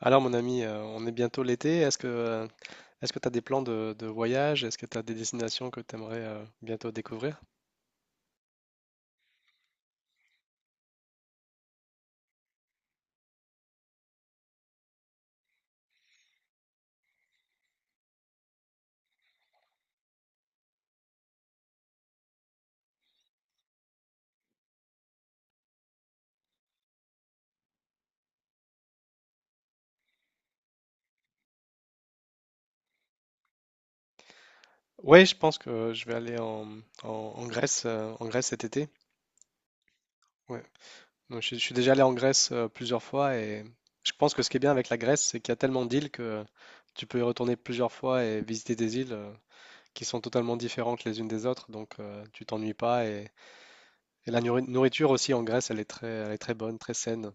Alors mon ami, on est bientôt l'été. Est-ce que tu as des plans de voyage? Est-ce que tu as des destinations que tu aimerais bientôt découvrir? Oui, je pense que je vais aller en- en Grèce, en Grèce cet été. Ouais. Donc, je suis déjà allé en Grèce, plusieurs fois, et je pense que ce qui est bien avec la Grèce, c'est qu'il y a tellement d'îles que tu peux y retourner plusieurs fois et visiter des îles qui sont totalement différentes les unes des autres. Donc tu t'ennuies pas, et la nourriture aussi en Grèce, elle est très bonne, très saine.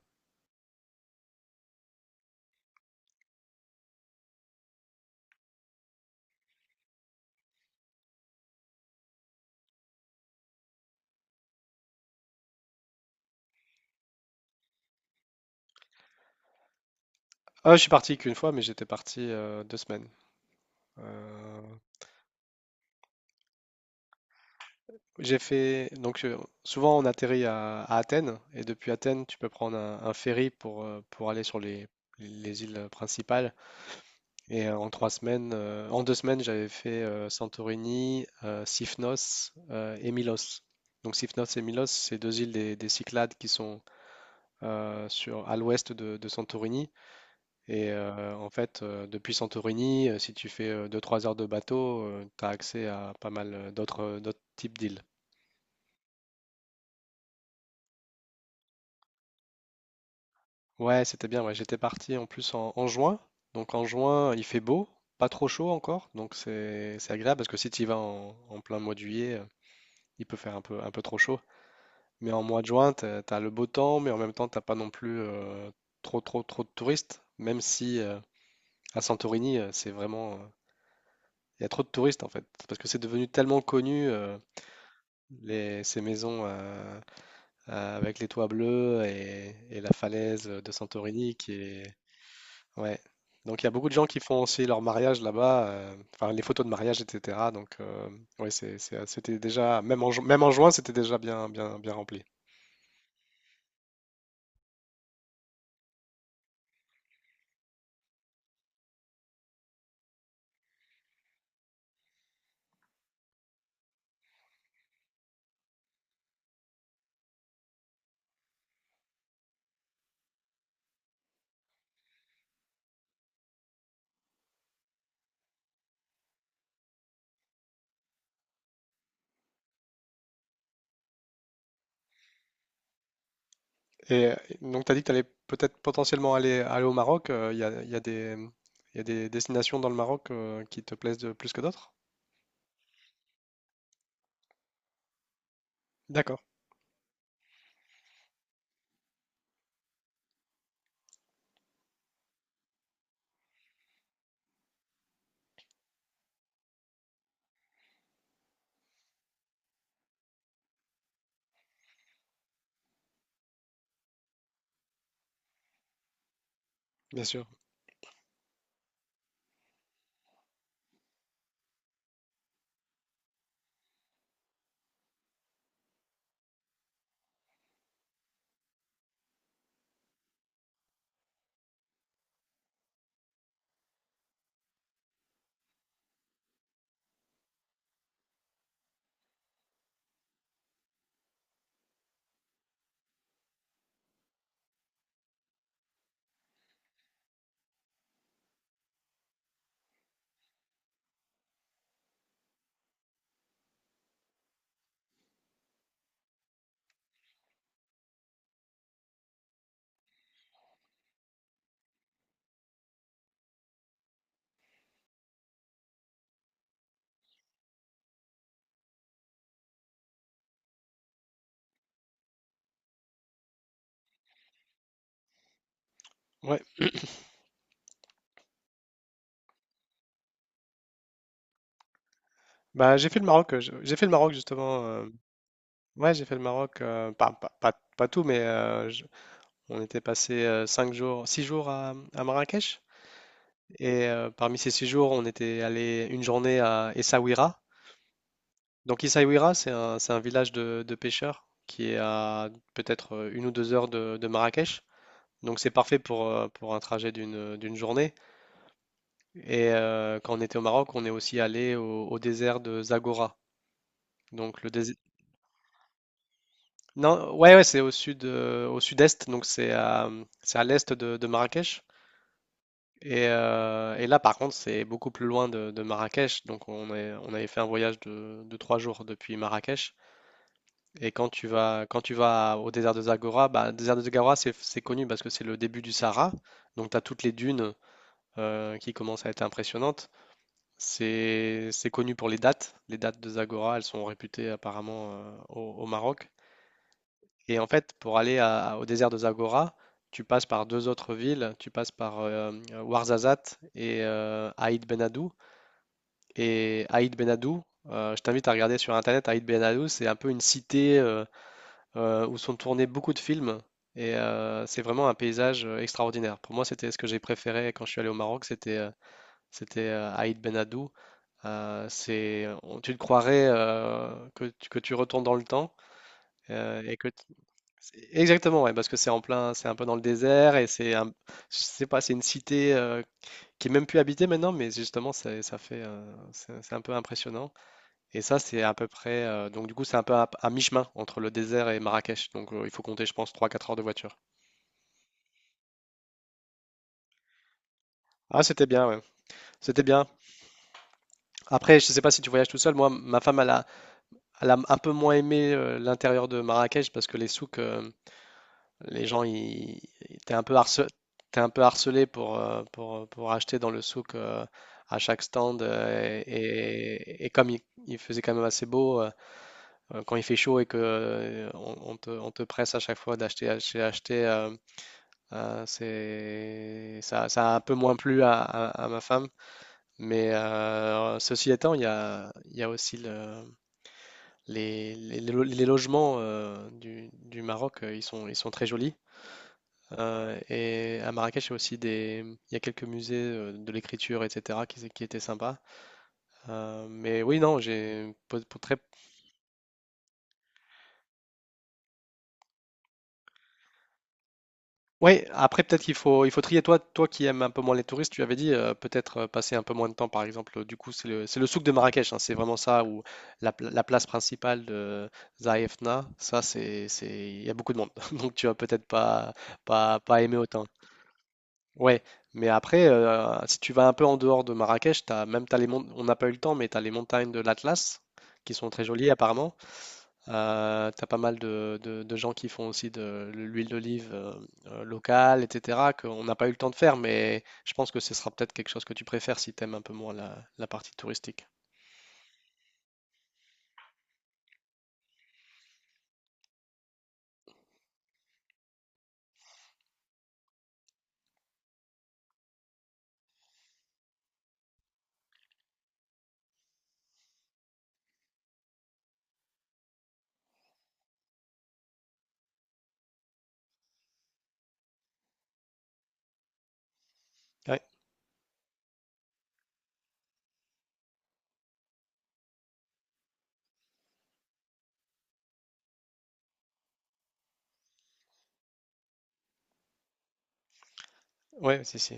Ah, je suis parti qu'une fois, mais j'étais parti 2 semaines. Euh, j'ai fait donc souvent on atterrit à Athènes, et depuis Athènes tu peux prendre un ferry pour aller sur les îles principales. En 2 semaines, j'avais fait Santorini, Syphnos et Milos. Donc Syphnos et Milos, c'est deux îles des Cyclades qui sont sur à l'ouest de Santorini. Depuis Santorini, si tu fais 2-3 heures de bateau, tu as accès à pas mal d'autres types d'îles. Ouais, c'était bien. Ouais, j'étais parti en plus en juin. Donc en juin, il fait beau, pas trop chaud encore. Donc c'est agréable, parce que si tu y vas en plein mois de juillet, il peut faire un peu trop chaud. Mais en mois de juin, tu as le beau temps, mais en même temps, t'as pas non plus trop de touristes. Même si à Santorini, c'est vraiment. Il y a trop de touristes en fait. Parce que c'est devenu tellement connu. Ces maisons avec les toits bleus et la falaise de Santorini qui est… Ouais. Donc il y a beaucoup de gens qui font aussi leur mariage là-bas, enfin les photos de mariage, etc. C'est- c'était déjà, même même en juin, c'était déjà bien, bien, bien rempli. Et euh, donc tu as dit que tu allais peut-être potentiellement aller au Maroc. Il y a des, il y a des destinations dans le Maroc qui te plaisent plus que d'autres? D'accord, bien sûr. Ouais. Bah, j'ai fait le Maroc justement. Ouais, j'ai fait le Maroc, pas tout, mais on était passé six jours à Marrakech. Et parmi ces 6 jours, on était allé une journée à Essaouira. Donc Essaouira, c'est c'est un village de pêcheurs qui est à peut-être une ou 2 heures de Marrakech. Donc c'est parfait pour un trajet d'une journée. Et quand on était au Maroc, on est aussi allé au désert de Zagora. Donc le, dés- Non, ouais, ouais, c'est au sud, au sud-est, donc c'est à l'est de Marrakech. Et là, par contre, c'est beaucoup plus loin de Marrakech. Donc, on avait fait un voyage de 3 jours depuis Marrakech. Et quand tu vas au désert de Zagora, bah, le désert de Zagora, c'est connu parce que c'est le début du Sahara. Donc, tu as toutes les dunes qui commencent à être impressionnantes. C'est connu pour les dattes. Les dattes de Zagora, elles sont réputées apparemment au Maroc. Et en fait, pour aller au désert de Zagora, tu passes par deux autres villes, tu passes par Ouarzazate et Aït Ben Haddou. Et Aït Ben Haddou, je t'invite à regarder sur Internet. Aït Ben Haddou, c'est un peu une cité où sont tournés beaucoup de films. Et c'est vraiment un paysage extraordinaire. Pour moi, c'était ce que j'ai préféré quand je suis allé au Maroc, c'était Aït Ben Haddou. Tu te croirais que tu retournes dans le temps, euh, et que exactement, ouais, parce que c'est en plein, c'est un peu dans le désert, et c'est un, je sais pas, c'est une cité qui est même plus habitée maintenant, mais justement, c'est- ça fait, c'est un peu impressionnant. Et ça, c'est à peu près, c'est un peu à mi-chemin entre le désert et Marrakech. Donc il faut compter, je pense, 3, 4 heures de voiture. Ah, c'était bien, ouais. C'était bien. Après, je sais pas si tu voyages tout seul. Moi, ma femme, elle a un peu moins aimé l'intérieur de Marrakech, parce que les souks, les gens, t'es un peu harcelé, t'es un peu harcelé pour, pour acheter dans le souk, à chaque stand. Et comme il faisait quand même assez beau, quand il fait chaud et que on te presse à chaque fois d'acheter, acheter, acheter, ça a un peu moins plu à ma femme. Mais ceci étant, il y a aussi les logements du Maroc, ils sont très jolis. Et à Marrakech, il y a il y a quelques musées de l'écriture, etc., qui étaient sympas. Mais oui, non, j'ai pour très. Oui, après peut-être qu'il faut, il faut trier. Toi qui aimes un peu moins les touristes, tu avais dit peut-être passer un peu moins de temps, par exemple. Du coup, c'est le souk de Marrakech, hein, c'est vraiment ça, ou la, la place principale de Zaïfna. Ça, il y a beaucoup de monde, donc tu vas peut-être pas aimer autant. Ouais, mais après, si tu vas un peu en dehors de Marrakech, t'as, même t'as les on n'a pas eu le temps, mais tu as les montagnes de l'Atlas qui sont très jolies apparemment. Tu as pas mal de gens qui font aussi de l'huile d'olive, locale, etc., qu'on n'a pas eu le temps de faire, mais je pense que ce sera peut-être quelque chose que tu préfères si tu aimes un peu moins la, la partie touristique. Ouais, ouais, si, si.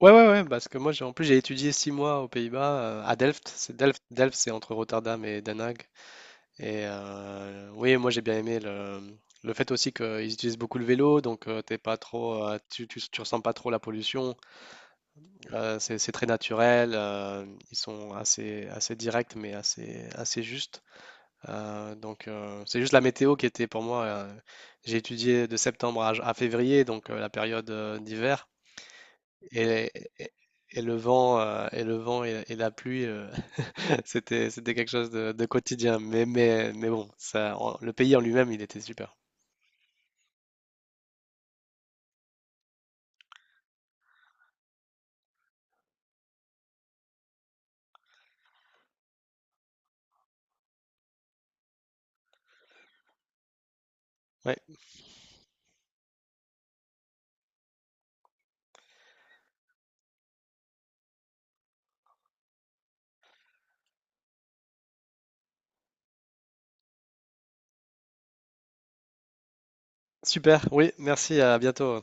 Ouais, ouais, ouais, parce que moi, j'ai, en plus, j'ai étudié 6 mois aux Pays-Bas, à Delft. C'est Delft. Delft, c'est entre Rotterdam et Den Haag. Et oui, moi j'ai bien aimé le fait aussi qu'ils utilisent beaucoup le vélo, donc t'es pas trop, tu ressens pas trop la pollution. C'est très naturel. Ils sont assez directs mais assez justes. C'est juste la météo qui était pour moi. J'ai étudié de septembre à février, donc la période d'hiver. Et, et- et le vent, et le vent et la pluie, c'était quelque chose de quotidien. Mais bon, ça, le pays en lui-même, il était super. Ouais, super. Oui, merci. À bientôt.